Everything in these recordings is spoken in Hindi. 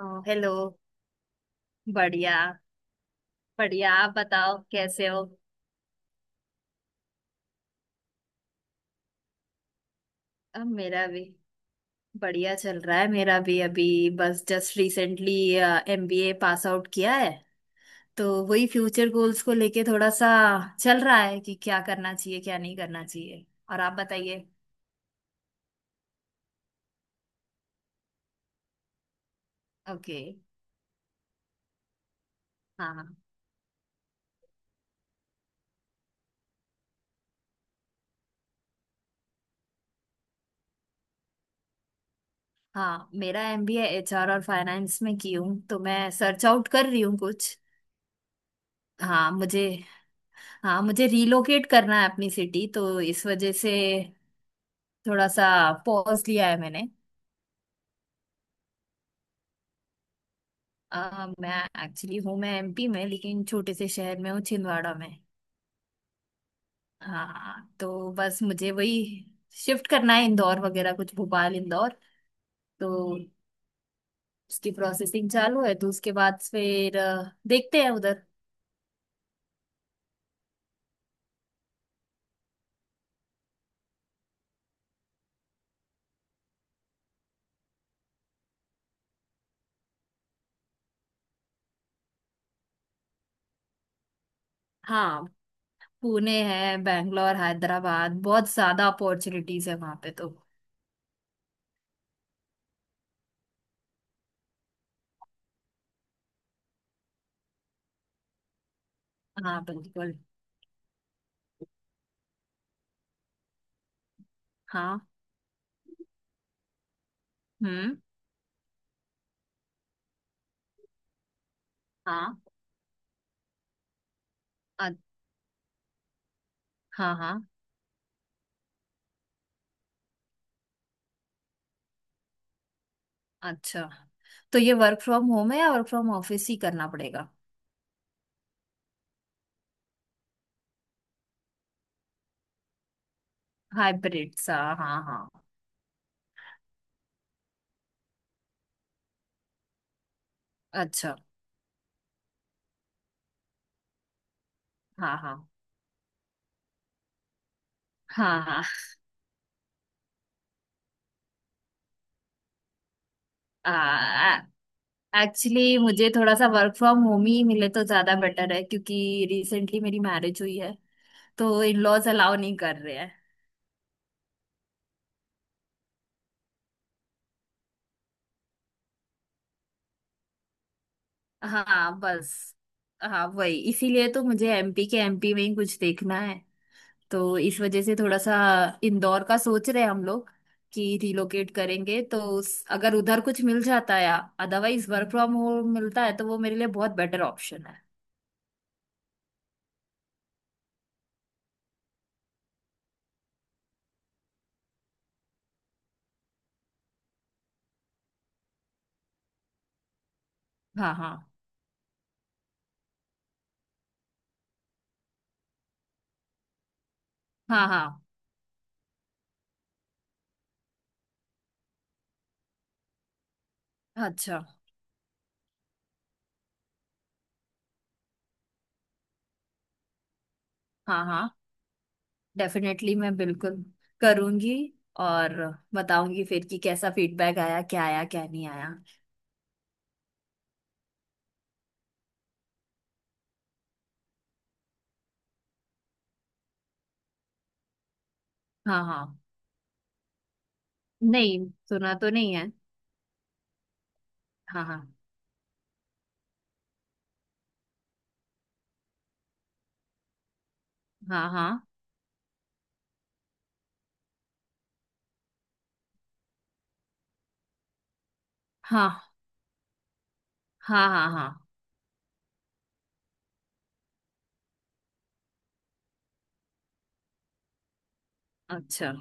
ओ, हेलो। बढ़िया बढ़िया, आप बताओ कैसे हो। अब मेरा भी बढ़िया चल रहा है, मेरा भी अभी बस just recently MBA pass out किया है। तो वही फ्यूचर गोल्स को लेके थोड़ा सा चल रहा है कि क्या करना चाहिए क्या नहीं करना चाहिए। और आप बताइए। ओके। हाँ हाँ। हाँ मेरा एमबीए एचआर और फाइनेंस में की हूँ, तो मैं सर्च आउट कर रही हूँ कुछ। हाँ मुझे हाँ मुझे रीलोकेट करना है अपनी सिटी, तो इस वजह से थोड़ा सा पॉज लिया है मैंने। मैं एक्चुअली हूँ, मैं एमपी में, लेकिन छोटे से शहर में हूँ, छिंदवाड़ा में। हाँ तो बस मुझे वही शिफ्ट करना है, इंदौर वगैरह कुछ, भोपाल इंदौर। तो उसकी प्रोसेसिंग चालू है, तो उसके बाद फिर देखते हैं उधर। हाँ पुणे है, बैंगलोर, हैदराबाद, बहुत ज्यादा अपॉर्चुनिटीज है वहां पे तो। हाँ बिल्कुल। हाँ। हम्म। हाँ। अ- हाँ हाँ। अच्छा, तो ये वर्क फ्रॉम होम है या वर्क फ्रॉम ऑफिस ही करना पड़ेगा। हाइब्रिड सा, हाँ हाँ। अच्छा। हाँ हाँ। हाँ हाँ। एक्चुअली मुझे थोड़ा सा वर्क फ्रॉम होम ही मिले तो ज्यादा बेटर है, क्योंकि रिसेंटली मेरी मैरिज हुई है। तो इन लॉज अलाउ नहीं कर रहे हैं। हाँ बस हाँ वही, इसीलिए तो मुझे एमपी में ही कुछ देखना है। तो इस वजह से थोड़ा सा इंदौर का सोच रहे हैं हम लोग कि रिलोकेट करेंगे। तो अगर उधर कुछ मिल जाता है, अदरवाइज वर्क फ्रॉम होम मिलता है तो वो मेरे लिए बहुत बेटर ऑप्शन है। हाँ हाँ। हाँ हाँ। अच्छा। हाँ हाँ। डेफिनेटली मैं बिल्कुल करूंगी और बताऊंगी फिर कि कैसा फीडबैक आया, क्या आया क्या नहीं आया। हाँ हाँ। नहीं, सुना तो नहीं है। हाँ हाँ। हाँ हाँ। हाँ हाँ। हाँ हाँ। अच्छा।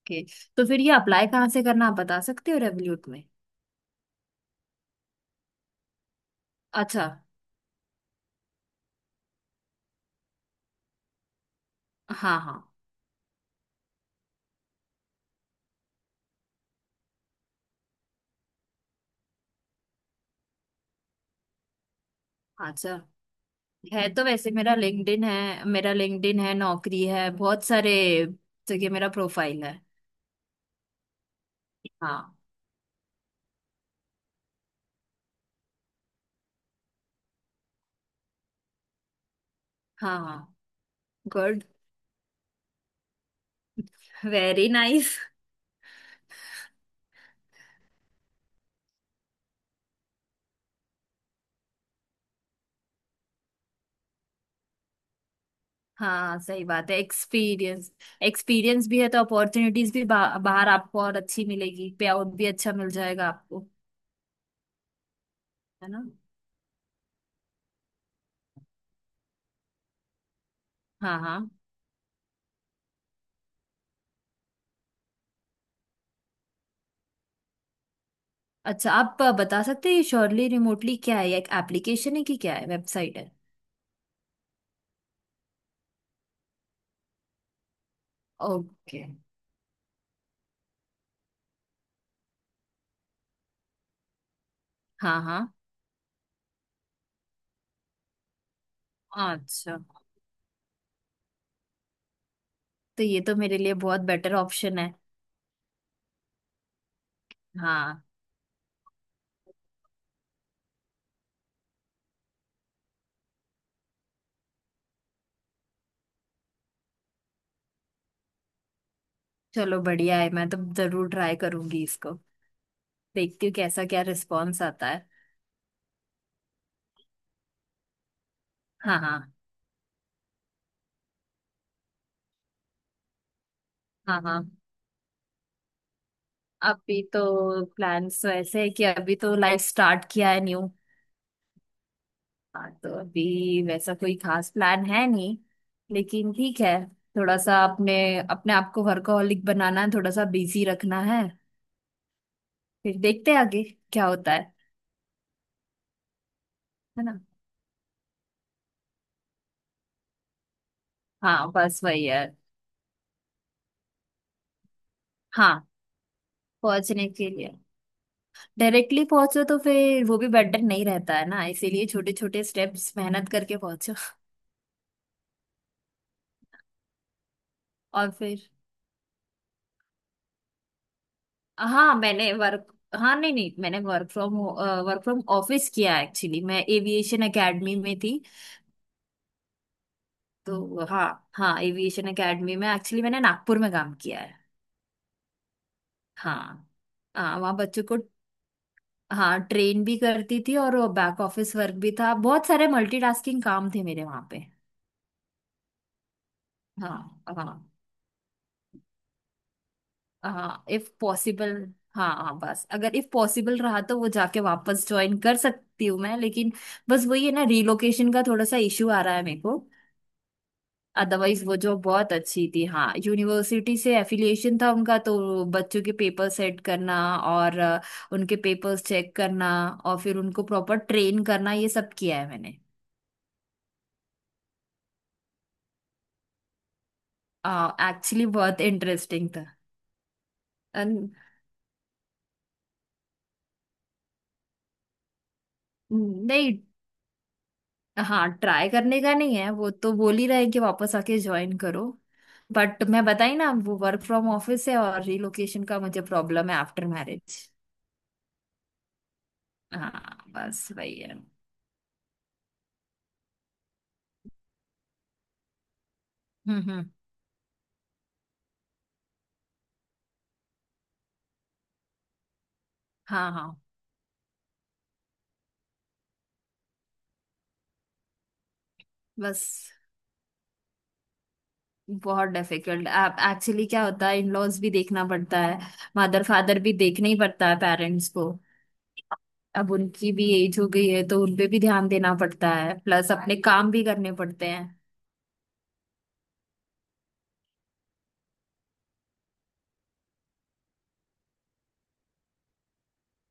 ओके, तो फिर ये अप्लाई कहाँ से करना, आप बता सकते हो रेवल्यूट में। अच्छा। हाँ हाँ। अच्छा, है तो वैसे मेरा लिंक्डइन है, नौकरी है, बहुत सारे जगह मेरा प्रोफाइल है। हाँ। हाँ हाँ। गुड। Very nice. हाँ सही बात है, एक्सपीरियंस एक्सपीरियंस भी है तो अपॉर्चुनिटीज भी बाहर आपको और अच्छी मिलेगी, पे आउट भी अच्छा मिल जाएगा आपको। है ना। हाँ हाँ। अच्छा, आप बता सकते हैं श्योरली रिमोटली क्या है, एक एप्लीकेशन है कि क्या है, वेबसाइट है। ओके। हाँ हाँ। अच्छा, तो ये तो मेरे लिए बहुत बेटर ऑप्शन है। हाँ। चलो बढ़िया है, मैं तो जरूर ट्राई करूंगी इसको। देखती हूँ कैसा क्या रिस्पॉन्स आता है। हाँ हाँ। हाँ हाँ। अभी तो प्लान्स वैसे है कि अभी तो लाइफ स्टार्ट किया है न्यू। हाँ तो अभी वैसा कोई खास प्लान है नहीं, लेकिन ठीक है, थोड़ा सा अपने अपने आप को वर्कहोलिक बनाना है, थोड़ा सा बिजी रखना है। फिर देखते हैं आगे क्या होता है। है ना। हाँ बस वही है। हाँ पहुंचने के लिए, डायरेक्टली पहुंचो तो फिर वो भी बेटर नहीं रहता है ना, इसीलिए छोटे छोटे स्टेप्स मेहनत करके पहुंचो। और फिर हाँ मैंने वर्क हाँ नहीं नहीं मैंने वर्क फ्रॉम ऑफिस किया एक्चुअली, मैं एविएशन एकेडमी में थी। तो हाँ। हाँ एविएशन एकेडमी में, एक्चुअली मैंने नागपुर में काम किया है। हाँ। हाँ वहाँ बच्चों को, हाँ ट्रेन भी करती थी और बैक ऑफिस वर्क भी था, बहुत सारे मल्टीटास्किंग काम थे मेरे वहाँ पे। हाँ हाँ। हाँ इफ पॉसिबल। हाँ हाँ, बस अगर इफ पॉसिबल रहा तो वो जाके वापस ज्वाइन कर सकती हूँ मैं, लेकिन बस वही है ना, रिलोकेशन का थोड़ा सा इशू आ रहा है मेरे को। अदरवाइज वो जॉब बहुत अच्छी थी, हाँ यूनिवर्सिटी से एफिलिएशन था उनका, तो बच्चों के पेपर सेट करना और उनके पेपर्स चेक करना और फिर उनको प्रॉपर ट्रेन करना, ये सब किया है मैंने। एक्चुअली बहुत इंटरेस्टिंग था। अन- नहीं, हाँ ट्राई करने का नहीं है, वो तो बोल ही रहे हैं कि वापस आके ज्वाइन करो। बट मैं बताई ना, वो वर्क फ्रॉम ऑफिस है और रिलोकेशन का मुझे प्रॉब्लम है आफ्टर मैरिज। हाँ बस वही है। हम्म। हाँ हाँ बस बहुत डिफिकल्ट। आप एक्चुअली क्या होता है, इन लॉज भी देखना पड़ता है, मदर फादर भी देखना ही पड़ता है, पेरेंट्स को। अब उनकी भी एज हो गई है तो उन पे भी ध्यान देना पड़ता है, प्लस अपने काम भी करने पड़ते हैं।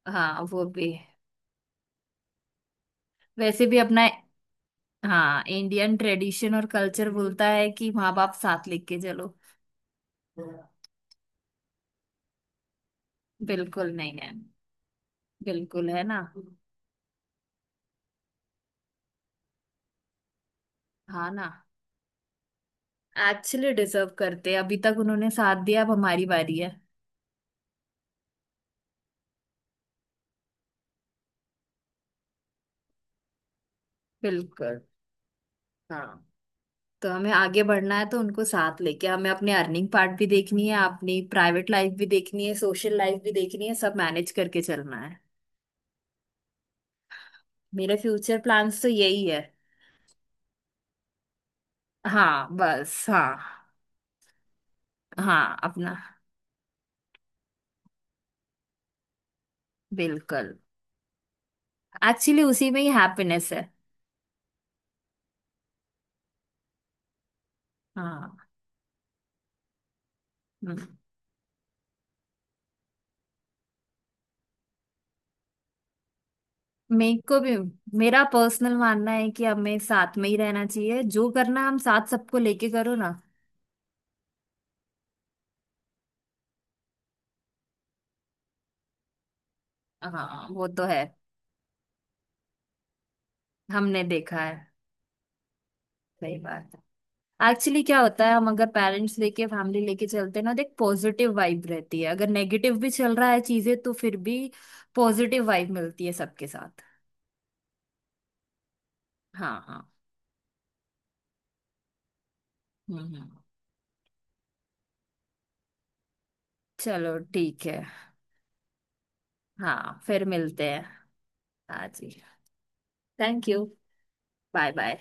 हाँ वो भी, वैसे भी अपना, हाँ इंडियन ट्रेडिशन और कल्चर बोलता है कि माँ बाप साथ लेके चलो। बिल्कुल नहीं है। बिल्कुल, है ना। हाँ ना, एक्चुअली डिजर्व करते हैं, अभी तक उन्होंने साथ दिया, अब हमारी बारी है। बिल्कुल। हाँ तो हमें आगे बढ़ना है तो उनको साथ लेके हमें अपने अर्निंग पार्ट भी देखनी है, अपनी प्राइवेट लाइफ भी देखनी है, सोशल लाइफ भी देखनी है, सब मैनेज करके चलना है। मेरे फ्यूचर प्लान्स तो यही है। हाँ बस। हाँ हाँ अपना। बिल्कुल, एक्चुअली उसी में ही हैप्पीनेस है। हाँ। हम्म। मेरे को भी, मेरा पर्सनल मानना है कि हमें साथ में ही रहना चाहिए, जो करना हम साथ सबको लेके करो ना। हाँ वो तो है। हमने देखा है। सही बात है। एक्चुअली क्या होता है, हम अगर पेरेंट्स लेके फैमिली लेके चलते हैं ना तो एक पॉजिटिव वाइब रहती है, अगर नेगेटिव भी चल रहा है चीजें तो फिर भी पॉजिटिव वाइब मिलती है सबके साथ। हाँ हाँ। हम्म। चलो ठीक है। हाँ फिर मिलते हैं। हाँ जी। Thank you. Bye bye.